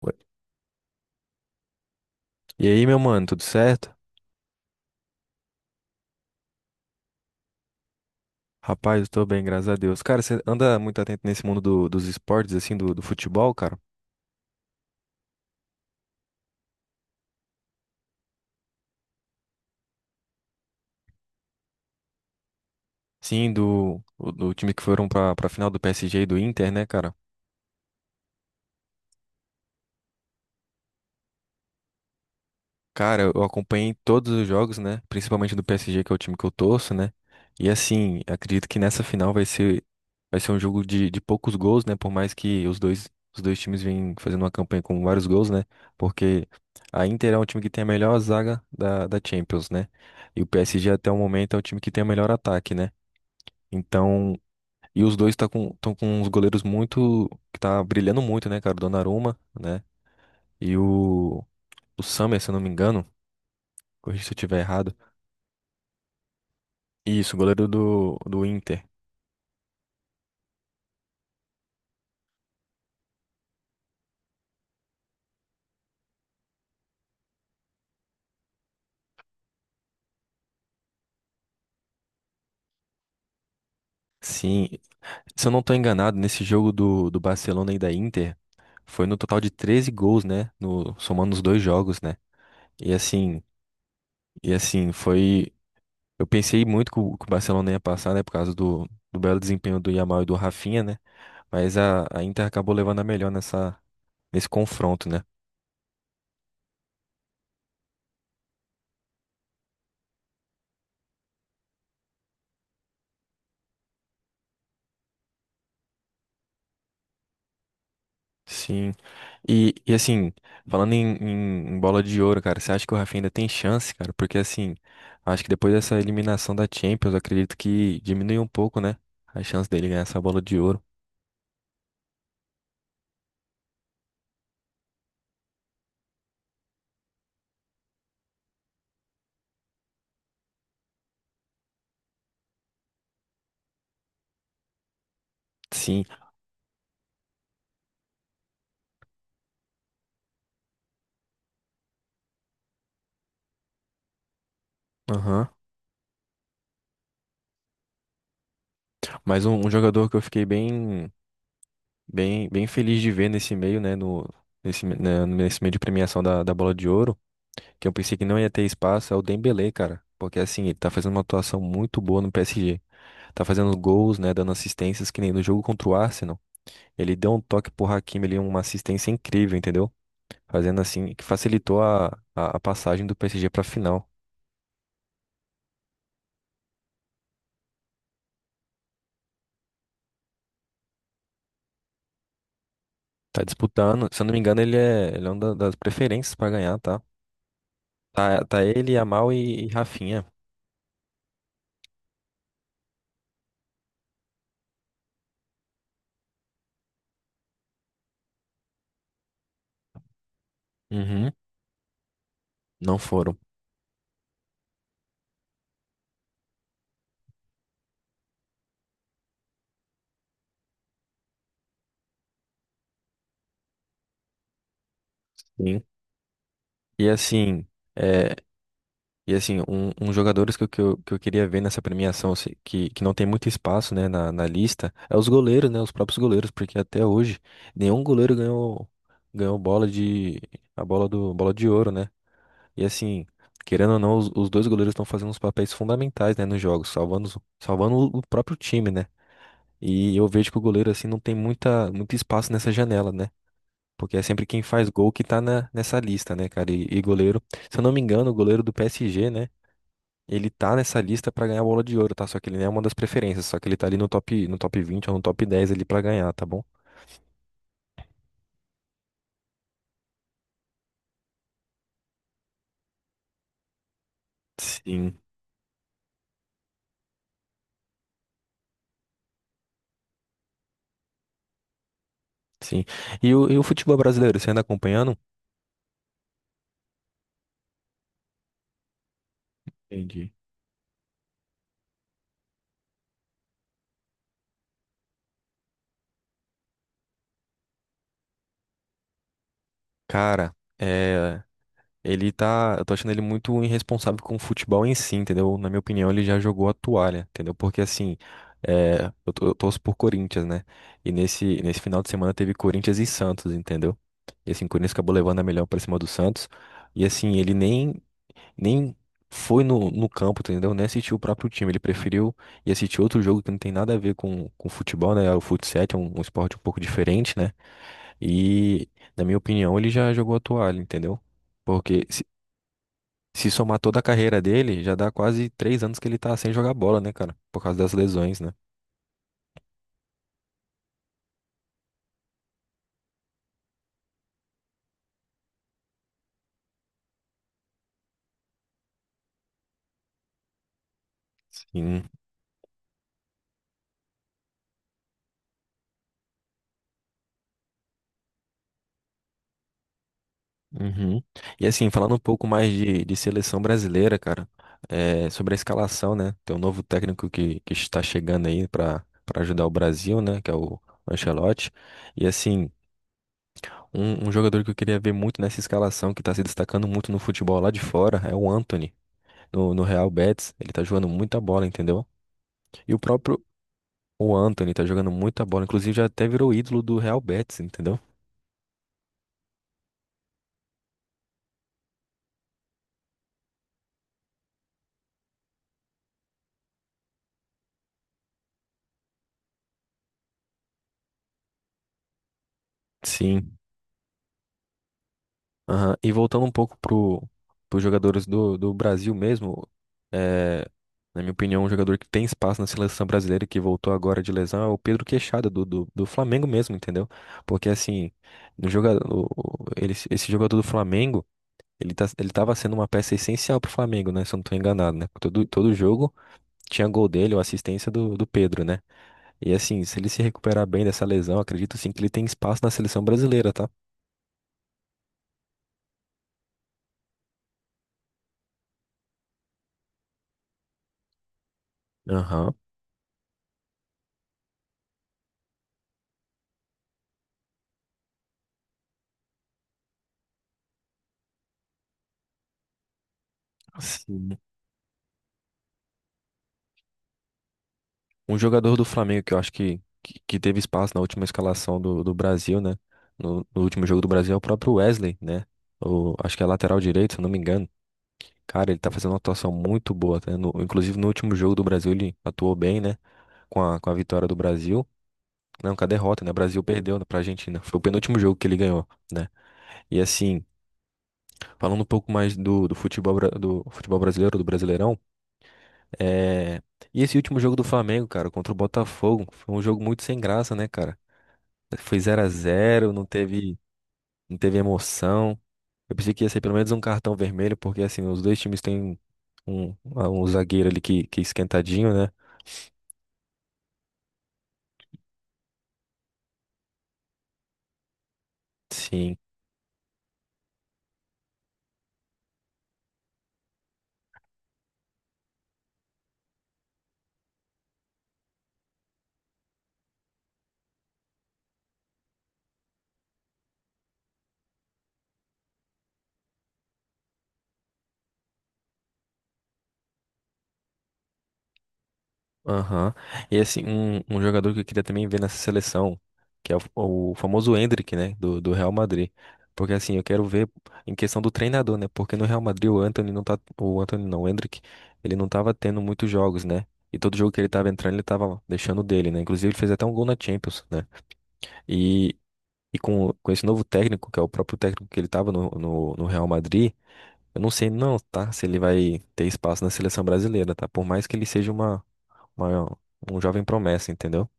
Ué. E aí, meu mano, tudo certo? Rapaz, eu tô bem, graças a Deus. Cara, você anda muito atento nesse mundo dos esportes, assim, do futebol, cara? Sim, do time que foram pra final do PSG e do Inter, né, cara? Cara, eu acompanhei todos os jogos, né? Principalmente do PSG, que é o time que eu torço, né? E assim, acredito que nessa final vai ser um jogo de poucos gols, né? Por mais que os dois times vêm fazendo uma campanha com vários gols, né? Porque a Inter é um time que tem a melhor zaga da Champions, né? E o PSG até o momento é o time que tem o melhor ataque, né? Então, e os dois estão com uns goleiros muito, que tá brilhando muito, né, cara? O Donnarumma, né? E o Sommer, se eu não me engano, corrija se eu estiver errado. Isso, goleiro do Inter. Sim, se eu não tô enganado, nesse jogo do Barcelona e da Inter, foi no total de 13 gols, né? No, somando os dois jogos, né? E assim, e assim, foi. Eu pensei muito que o Barcelona ia passar, né? Por causa do belo desempenho do Yamal e do Rafinha, né? Mas a Inter acabou levando a melhor nesse confronto, né? Sim. E assim, falando em, em bola de ouro, cara, você acha que o Rafinha ainda tem chance, cara? Porque assim, acho que depois dessa eliminação da Champions, eu acredito que diminuiu um pouco, né? A chance dele ganhar essa bola de ouro. Sim, aham. Mas um jogador que eu fiquei bem feliz de ver nesse meio, né? No, nesse, me- né, nesse meio de premiação da bola de ouro, que eu pensei que não ia ter espaço, é o Dembélé, cara. Porque assim, ele tá fazendo uma atuação muito boa no PSG. Tá fazendo gols, né? Dando assistências, que nem no jogo contra o Arsenal. Ele deu um toque pro Hakimi ali, uma assistência incrível, entendeu? Fazendo assim, que facilitou a passagem do PSG pra final. Tá disputando, se eu não me engano, ele é uma das preferências pra ganhar, tá? Tá ele, Yamal e Rafinha. Uhum, não foram. Sim. E assim, é, e assim, um jogadores que, que eu queria ver nessa premiação, assim, que não tem muito espaço, né, na lista, é os goleiros, né, os próprios goleiros, porque até hoje nenhum goleiro ganhou bola de, a bola do, bola de ouro, né? E assim, querendo ou não, os dois goleiros estão fazendo uns papéis fundamentais, né, nos jogos, salvando, salvando o próprio time, né? E eu vejo que o goleiro, assim, não tem muito espaço nessa janela, né? Porque é sempre quem faz gol que tá nessa lista, né, cara? E goleiro, se eu não me engano, o goleiro do PSG, né? Ele tá nessa lista pra ganhar a bola de ouro, tá? Só que ele não é uma das preferências, só que ele tá ali no top 20 ou no top 10 ali pra ganhar, tá bom? Sim, sim. E o futebol brasileiro, você anda acompanhando? Entendi. Cara, é. Ele tá. Eu tô achando ele muito irresponsável com o futebol em si, entendeu? Na minha opinião, ele já jogou a toalha, entendeu? Porque assim, eu torço por Corinthians, né? E nesse final de semana teve Corinthians e Santos, entendeu? E assim, o Corinthians acabou levando a melhor pra cima do Santos. E assim, ele nem foi no campo, entendeu? Nem assistiu o próprio time. Ele preferiu ir assistir outro jogo que não tem nada a ver com futebol, né? O futsal é um esporte um pouco diferente, né? E, na minha opinião, ele já jogou a toalha, entendeu? Porque se somar toda a carreira dele, já dá quase 3 anos que ele tá sem jogar bola, né, cara? Por causa das lesões, né? Sim. Uhum. E assim, falando um pouco mais de seleção brasileira, cara, sobre a escalação, né? Tem um novo técnico que está chegando aí pra para ajudar o Brasil, né? Que é o Ancelotti. E assim, um jogador que eu queria ver muito nessa escalação, que tá se destacando muito no futebol lá de fora, é o Antony. No Real Betis, ele tá jogando muita bola, entendeu? E o próprio, O Anthony tá jogando muita bola, inclusive já até virou ídolo do Real Betis, entendeu? Sim. Aham. E voltando um pouco pros jogadores do Brasil mesmo, é, na minha opinião, um jogador que tem espaço na seleção brasileira e que voltou agora de lesão é o Pedro Queixada, do Flamengo mesmo, entendeu? Porque assim, no jogador, ele, esse jogador do Flamengo, ele tava sendo uma peça essencial pro Flamengo, né? Se eu não tô enganado, né? Todo jogo tinha gol dele ou assistência do Pedro, né? E assim, se ele se recuperar bem dessa lesão, acredito sim que ele tem espaço na seleção brasileira, tá? Aham. Sim. Um jogador do Flamengo que eu acho que teve espaço na última escalação do Brasil, né? No último jogo do Brasil é o próprio Wesley, né? O, acho que é lateral direito, se eu não me engano. Cara, ele tá fazendo uma atuação muito boa, tá? Inclusive no último jogo do Brasil ele atuou bem, né? Com a vitória do Brasil. Não, com a derrota, né? O Brasil perdeu pra Argentina. Foi o penúltimo jogo que ele ganhou, né? E assim. Falando um pouco mais do futebol, do futebol brasileiro, do Brasileirão, é... e esse último jogo do Flamengo, cara, contra o Botafogo, foi um jogo muito sem graça, né, cara? Foi 0 a 0, não teve emoção. Eu pensei que ia ser pelo menos um cartão vermelho, porque assim, os dois times têm um, um um zagueiro ali que é esquentadinho, né? Sim, aham. E assim, um jogador que eu queria também ver nessa seleção, que é o famoso Endrick, né, do Real Madrid. Porque assim, eu quero ver em questão do treinador, né? Porque no Real Madrid o Antony não tá, o Antony não, o Endrick, ele não tava tendo muitos jogos, né? E todo jogo que ele tava entrando, ele tava deixando o dele, né? Inclusive ele fez até um gol na Champions, né? E, e com esse novo técnico, que é o próprio técnico que ele tava no Real Madrid, eu não sei não, tá? Se ele vai ter espaço na seleção brasileira, tá? Por mais que ele seja uma, um jovem promessa, entendeu?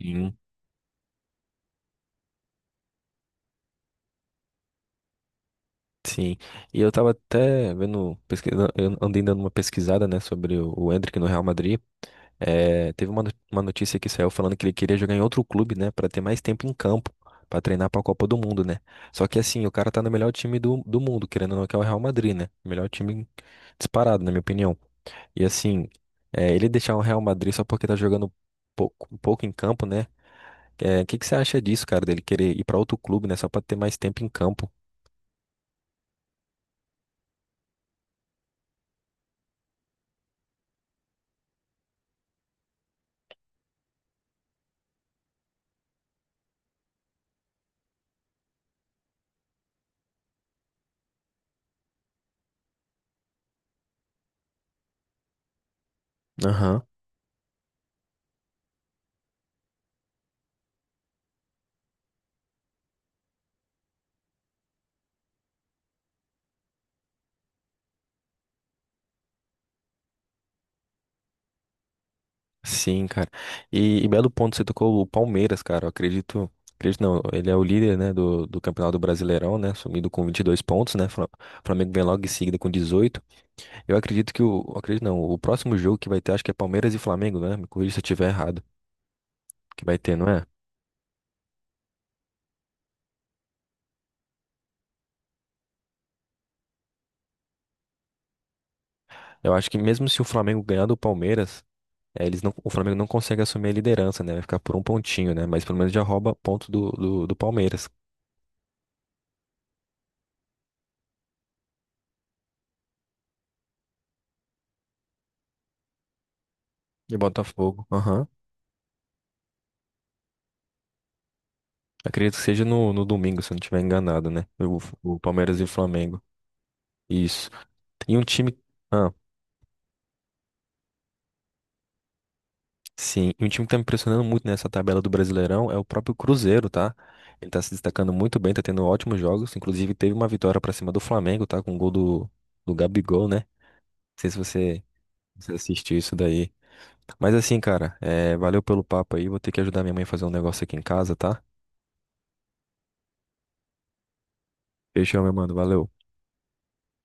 Sim. Sim. E eu tava até vendo, pesquisando, eu andei dando uma pesquisada, né, sobre o Endrick no Real Madrid. É, teve uma, no- uma notícia que saiu falando que ele queria jogar em outro clube, né, pra ter mais tempo em campo, pra treinar pra Copa do Mundo, né? Só que assim, o cara tá no melhor time do mundo, querendo ou não, que é o Real Madrid, né? Melhor time disparado, na minha opinião. E assim, ele deixar o Real Madrid só porque tá jogando pouco em campo, né? O que que você acha disso, cara, dele querer ir pra outro clube, né, só pra ter mais tempo em campo? Aham. Sim, cara. E belo ponto, você tocou o Palmeiras, cara. Eu acredito. Acredito não, ele é o líder, né, do Campeonato Brasileirão, né, sumido com 22 pontos, né, Flamengo vem logo em seguida com 18. Eu acredito que o, acredito não, o próximo jogo que vai ter, acho que é Palmeiras e Flamengo, né, me corrija se eu estiver errado, que vai ter, não é? Eu acho que mesmo se o Flamengo ganhar do Palmeiras, eles não, o Flamengo não consegue assumir a liderança, né, vai ficar por um pontinho, né, mas pelo menos já rouba ponto do Palmeiras. E Botafogo, aham. Acredito que seja no domingo, se eu não estiver enganado, né? O Palmeiras e o Flamengo. Isso. E um time. Ah, sim. E um time que tá me impressionando muito nessa tabela do Brasileirão é o próprio Cruzeiro, tá? Ele tá se destacando muito bem, tá tendo ótimos jogos. Inclusive, teve uma vitória pra cima do Flamengo, tá? Com o gol do Gabigol, né? Não sei se você assistiu isso daí. Mas assim, cara, é, valeu pelo papo aí. Vou ter que ajudar minha mãe a fazer um negócio aqui em casa, tá? Fechou, meu mano. Valeu.